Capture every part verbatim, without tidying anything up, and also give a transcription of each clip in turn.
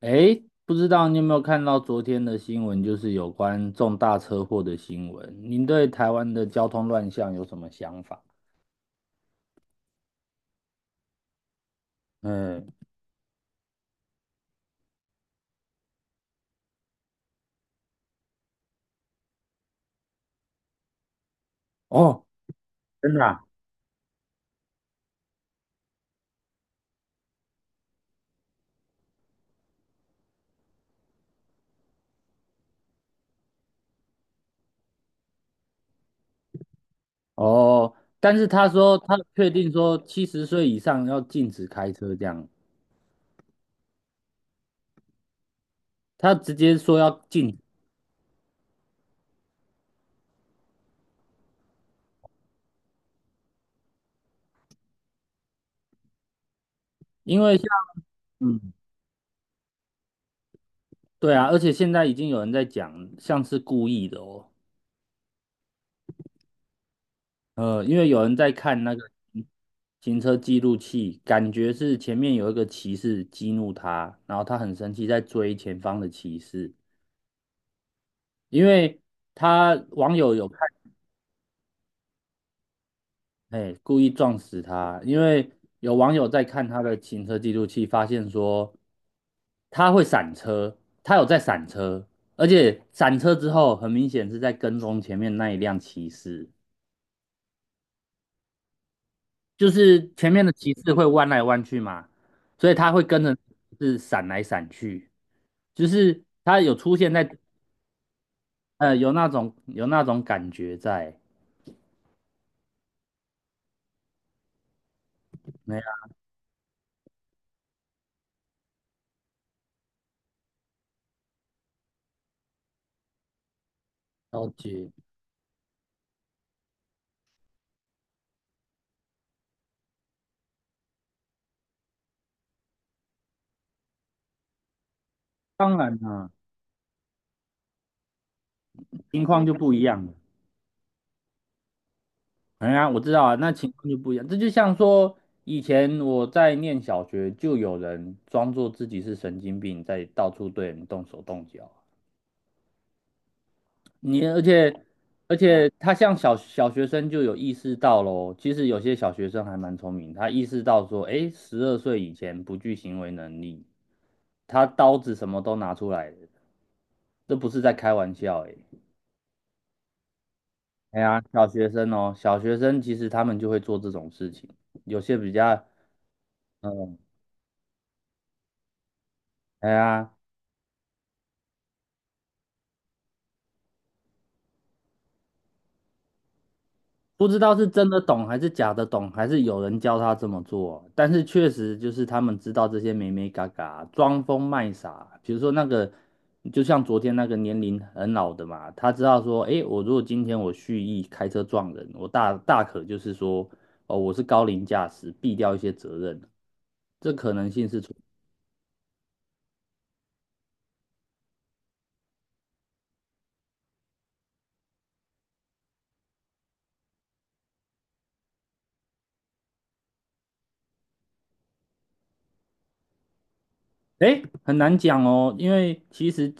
诶，不知道你有没有看到昨天的新闻，就是有关重大车祸的新闻。您对台湾的交通乱象有什么想法？嗯，哦，真的啊？哦，但是他说他确定说七十岁以上要禁止开车，这样他直接说要禁止因为像嗯，对啊，而且现在已经有人在讲像是故意的哦。呃，因为有人在看那个行车记录器，感觉是前面有一个骑士激怒他，然后他很生气，在追前方的骑士，因为他网友有看，哎，故意撞死他，因为有网友在看他的行车记录器，发现说他会闪车，他有在闪车，而且闪车之后，很明显是在跟踪前面那一辆骑士。就是前面的骑士会弯来弯去嘛，所以他会跟着是闪来闪去，就是他有出现在呃有那种有那种感觉在，没啊了解。当然啦、情况就不一样了。哎呀，我知道啊，那情况就不一样。这就像说，以前我在念小学，就有人装作自己是神经病，在到处对人动手动脚。你而且而且他像小小学生就有意识到喽，其实有些小学生还蛮聪明，他意识到说，哎，十二岁以前不具行为能力，他刀子什么都拿出来了，这不是在开玩笑诶。哎呀，小学生哦，小学生其实他们就会做这种事情，有些比较，嗯，哎呀，不知道是真的懂还是假的懂，还是有人教他这么做。但是确实就是他们知道这些美美嘎嘎，装疯卖傻。比如说那个，就像昨天那个年龄很老的嘛，他知道说，诶，我如果今天我蓄意开车撞人，我大大可就是说，哦，我是高龄驾驶，避掉一些责任，这可能性是存，诶，很难讲哦，因为其实。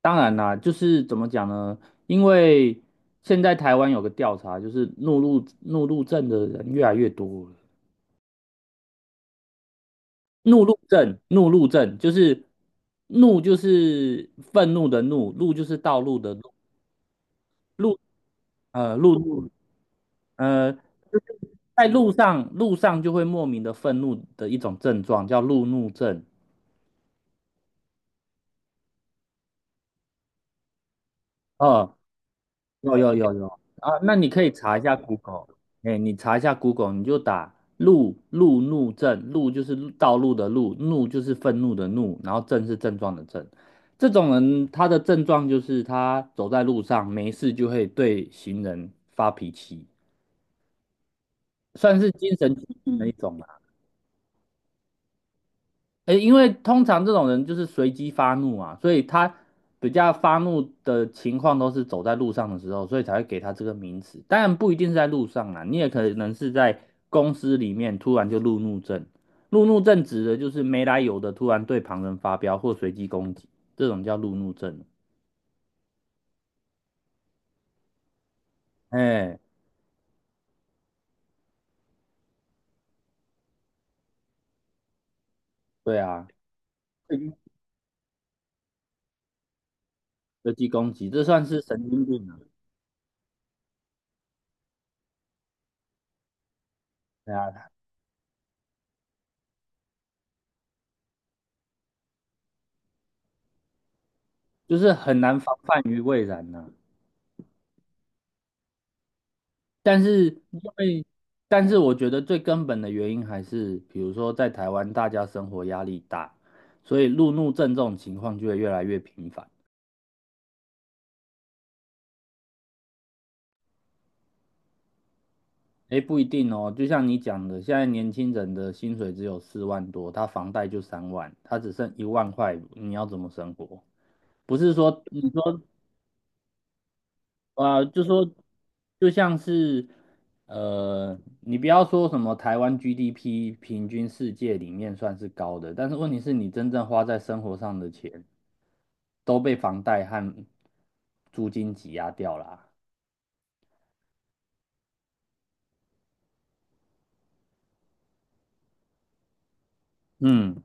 当然啦，就是怎么讲呢？因为现在台湾有个调查，就是怒路怒路症的人越来越多了。怒路症，怒路症就是怒就是愤怒的怒，路就是道路的路，路呃路怒呃，就是在路上路上就会莫名的愤怒的一种症状，叫路怒症。呃有有有有啊，那你可以查一下 Google，哎，你查一下 Google，你就打路路怒症，路就是路道路的路，怒就是愤怒的怒，然后症是症状的症。这种人他的症状就是他走在路上没事就会对行人发脾气，算是精神疾病的一种吧。诶，因为通常这种人就是随机发怒啊，所以他比较发怒的情况都是走在路上的时候，所以才会给他这个名词。当然不一定是在路上啊，你也可能是在公司里面突然就路怒症。路怒症指的就是没来由的突然对旁人发飙或随机攻击，这种叫路怒症。哎，对啊，嗯随机攻击，这算是神经病啊。对啊，就是很难防范于未然呐、但是因为，但是我觉得最根本的原因还是，比如说在台湾大家生活压力大，所以路怒症这种情况就会越来越频繁。诶，不一定哦，就像你讲的，现在年轻人的薪水只有四万多，他房贷就三万，他只剩一万块，你要怎么生活？不是说你说啊，就说就像是呃，你不要说什么台湾 G D P 平均世界里面算是高的，但是问题是你真正花在生活上的钱都被房贷和租金挤压掉了。嗯，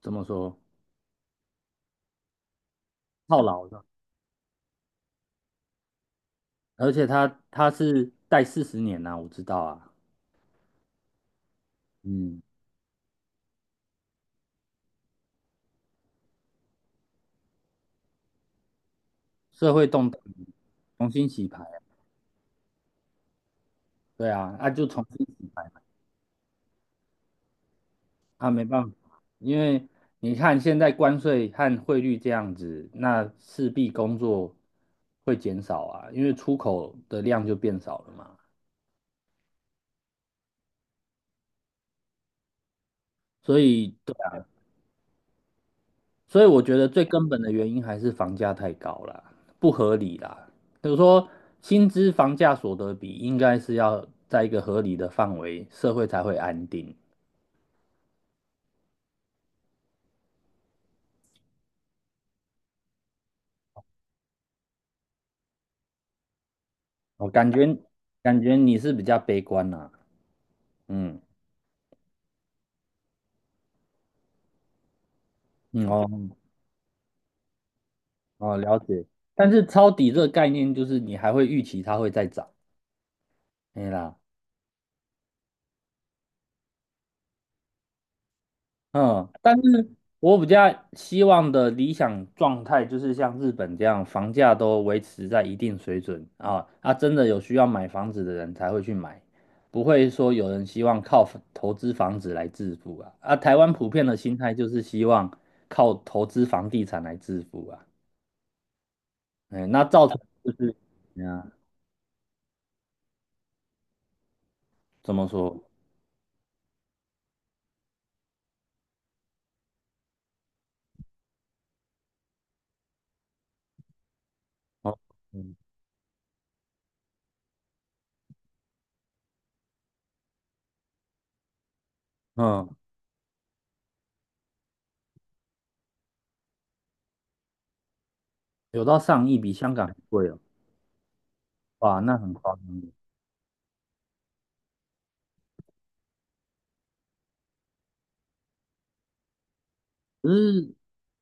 怎么说？套牢的，而且它它是贷四十年呐、我知道啊。嗯，社会动荡，重新洗牌啊对啊，那、就重新洗牌。啊，没办法，因为你看现在关税和汇率这样子，那势必工作会减少啊，因为出口的量就变少了嘛。所以，对啊，所以我觉得最根本的原因还是房价太高啦，不合理啦。就是说，薪资房价所得比应该是要在一个合理的范围，社会才会安定。我感觉感觉你是比较悲观啦、嗯嗯哦。哦，了解。但是抄底这个概念就是你还会预期它会再涨，对啦，嗯。但是我比较希望的理想状态就是像日本这样，房价都维持在一定水准啊，啊，真的有需要买房子的人才会去买，不会说有人希望靠房投资房子来致富啊。啊，台湾普遍的心态就是希望靠投资房地产来致富啊，哎，那造成就是，嗯，怎么说？哦嗯。嗯有到上亿，比香港还贵哦。哇，那很夸张的。只是，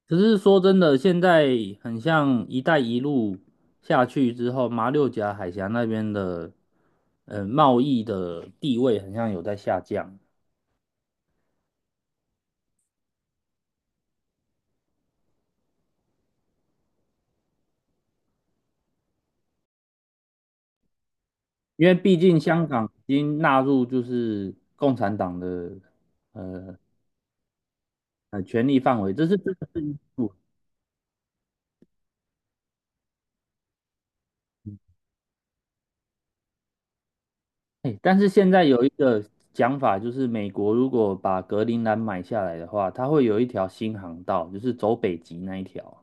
只是说真的，现在很像“一带一路”下去之后，马六甲海峡那边的，呃，贸易的地位很像有在下降，因为毕竟香港已经纳入就是共产党的呃呃权力范围，这是这的是部分。哎，但是现在有一个讲法，就是美国如果把格陵兰买下来的话，它会有一条新航道，就是走北极那一条。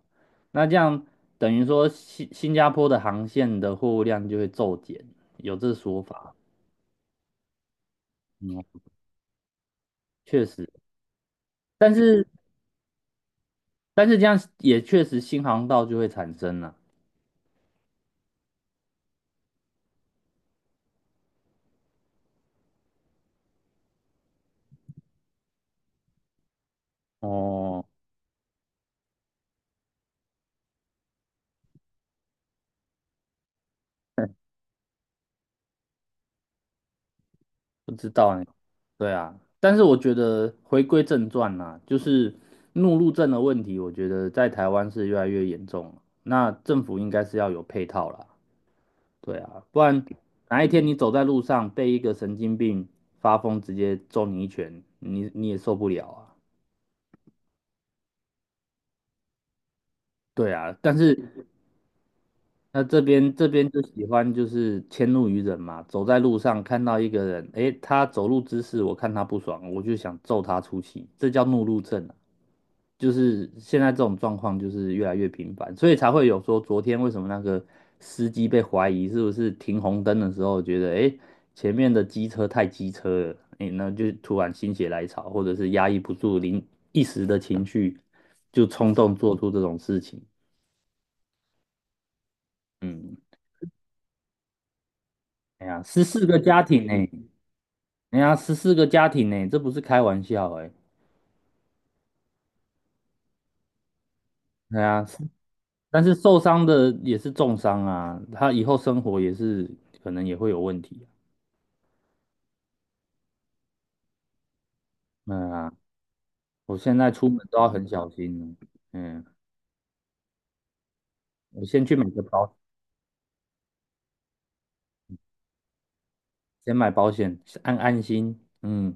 那这样等于说新新加坡的航线的货物量就会骤减，有这说法。嗯，确实，但是但是这样也确实新航道就会产生了。哦。不知道哎，对啊，但是我觉得回归正传啦、就是怒路症的问题，我觉得在台湾是越来越严重了。那政府应该是要有配套啦，对啊，不然哪一天你走在路上被一个神经病发疯直接揍你一拳，你你也受不了啊。对啊，但是那这边这边就喜欢就是迁怒于人嘛，走在路上看到一个人，诶，他走路姿势我看他不爽，我就想揍他出气，这叫怒路症啊。就是现在这种状况就是越来越频繁，所以才会有说昨天为什么那个司机被怀疑是不是停红灯的时候觉得诶前面的机车太机车了，诶，那就突然心血来潮，或者是压抑不住临一时的情绪，就冲动做出这种事情。嗯，哎呀，十四个家庭呢、哎呀，十四个家庭呢、这不是开玩笑哎、对啊，是但是受伤的也是重伤啊，他以后生活也是可能也会有问题啊。嗯啊我现在出门都要很小心了。嗯，我先去买个保，先买保险，安安心。嗯。